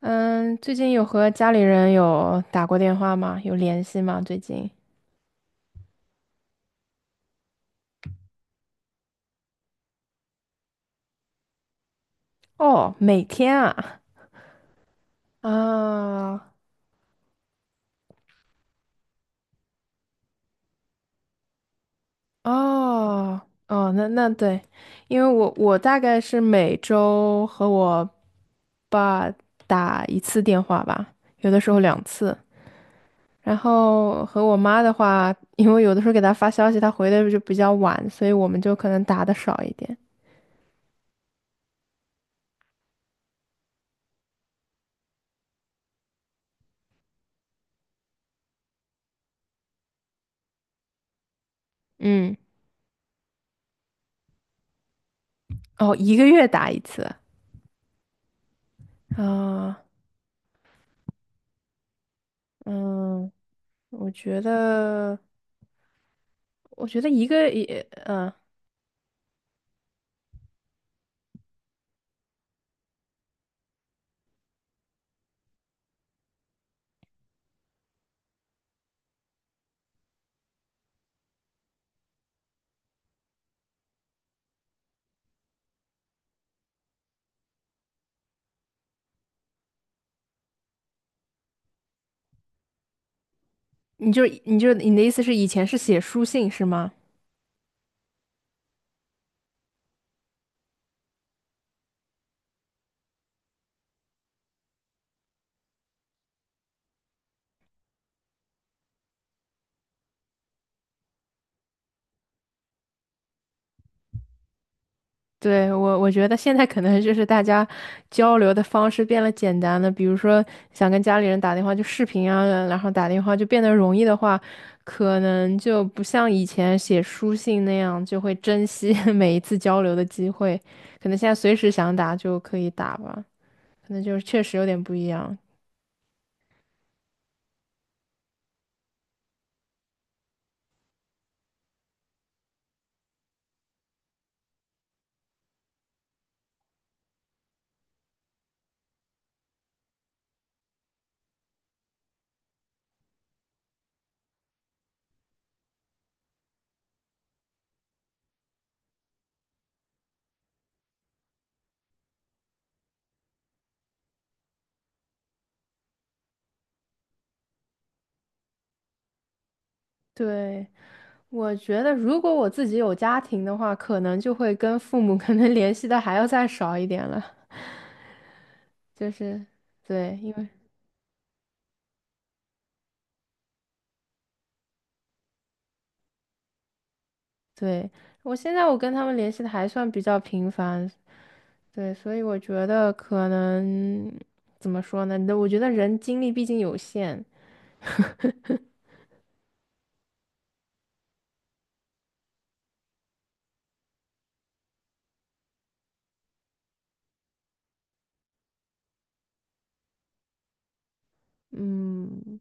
嗯，最近有和家里人有打过电话吗？有联系吗？最近？哦，每天啊。啊。哦。哦，那对。因为我大概是每周和我爸打一次电话吧，有的时候两次。然后和我妈的话，因为有的时候给她发消息，她回的就比较晚，所以我们就可能打的少一点。嗯，哦，一个月打一次。啊，嗯。我觉得，我觉得一个也，你的意思是以前是写书信是吗？对，我觉得现在可能就是大家交流的方式变了简单了。比如说想跟家里人打电话就视频啊，然后打电话就变得容易的话，可能就不像以前写书信那样就会珍惜 每一次交流的机会。可能现在随时想打就可以打吧，可能就是确实有点不一样。对。我觉得，如果我自己有家庭的话，可能就会跟父母 可能联系的还要再少一点了。就是，对，因为对我现在我跟他们联系的还算比较频繁。对，所以我觉得可能怎么说呢？我觉得人精力毕竟有限。嗯，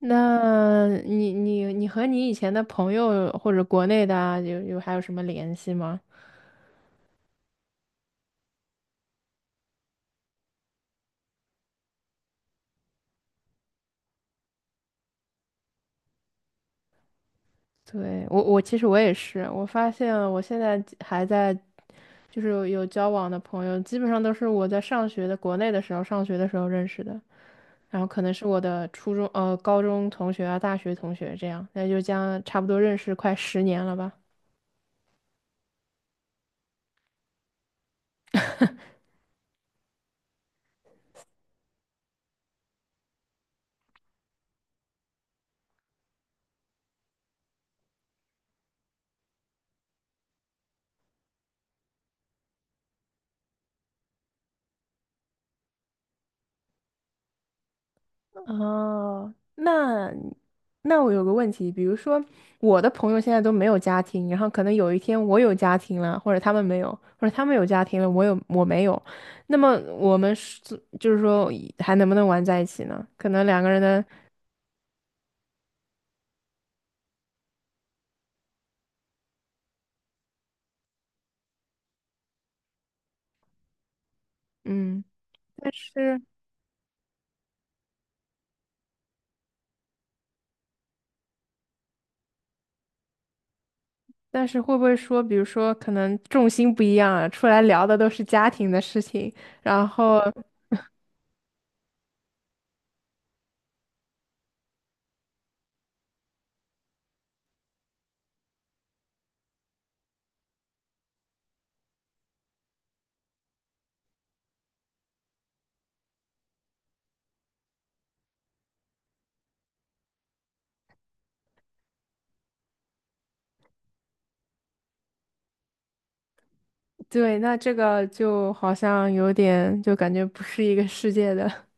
那你和你以前的朋友或者国内的啊，有还有什么联系吗？对，我其实我也是。我发现我现在还在，就是有交往的朋友，基本上都是我在上学的国内的时候，上学的时候认识的。然后可能是我的初中高中同学啊，大学同学这样，那就将差不多认识快10年了吧。哦，那我有个问题。比如说我的朋友现在都没有家庭，然后可能有一天我有家庭了，或者他们没有，或者他们有家庭了，我有我没有，那么我们是就是说还能不能玩在一起呢？可能两个人的嗯。但是但是会不会说，比如说可能重心不一样啊，出来聊的都是家庭的事情，然后对，那这个就好像有点就感觉不是一个世界的。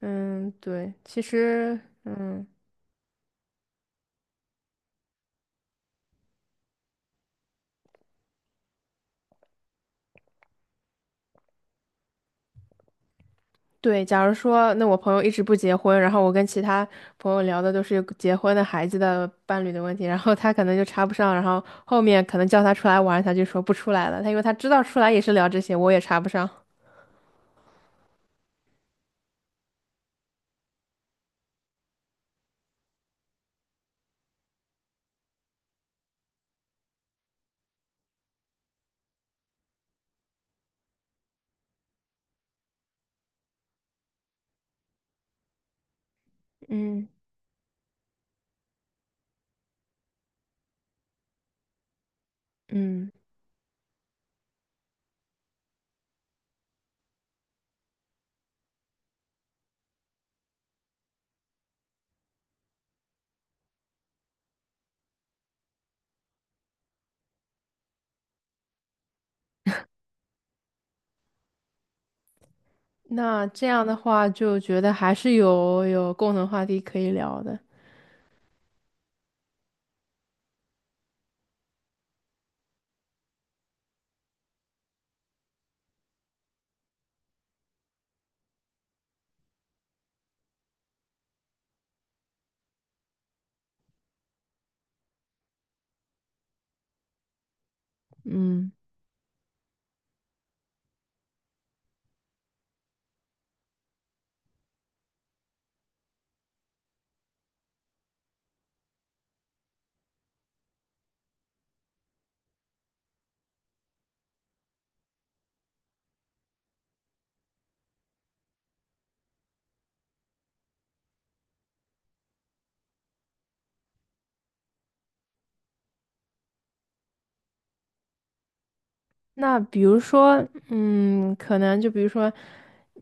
嗯，对，其实，嗯，对，假如说，那我朋友一直不结婚，然后我跟其他朋友聊的都是结婚的孩子的伴侣的问题，然后他可能就插不上，然后后面可能叫他出来玩，他就说不出来了，他因为他知道出来也是聊这些，我也插不上。嗯。嗯，那这样的话就觉得还是有共同话题可以聊的。嗯。那比如说，嗯，可能就比如说，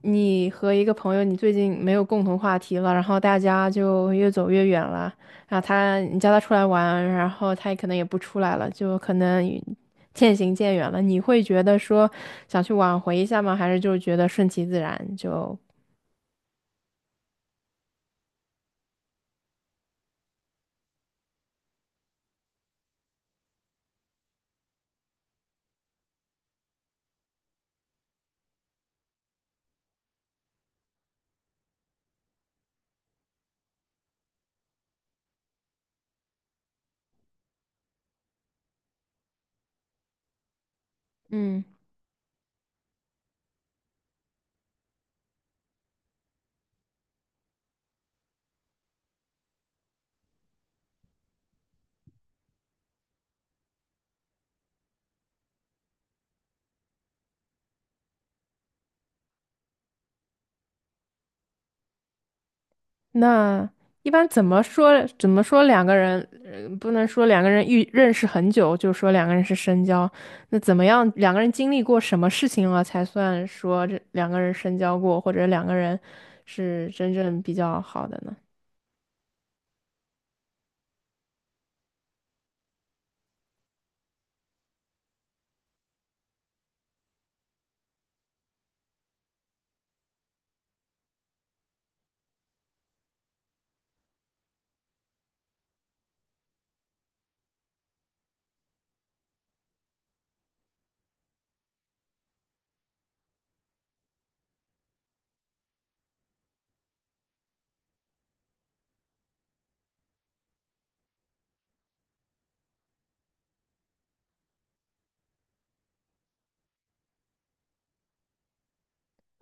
你和一个朋友，你最近没有共同话题了，然后大家就越走越远了。然后他，你叫他出来玩，然后他也可能也不出来了，就可能与渐行渐远了。你会觉得说想去挽回一下吗？还是就觉得顺其自然就？嗯。那一般怎么说？怎么说两个人？不能说两个人遇认识很久，就说两个人是深交。那怎么样？两个人经历过什么事情了，才算说这两个人深交过，或者两个人是真正比较好的呢？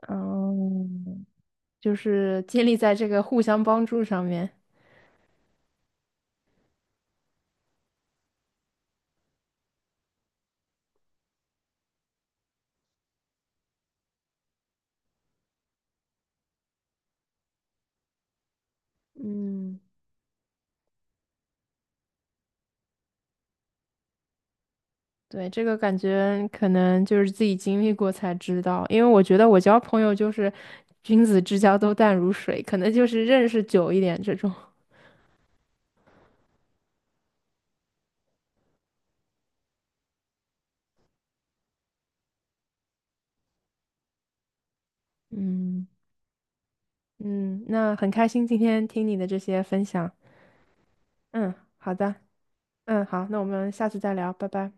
嗯，就是建立在这个互相帮助上面。嗯。对，这个感觉可能就是自己经历过才知道，因为我觉得我交朋友就是君子之交都淡如水，可能就是认识久一点这种 嗯，嗯，那很开心今天听你的这些分享。嗯，好的，嗯，好，那我们下次再聊，拜拜。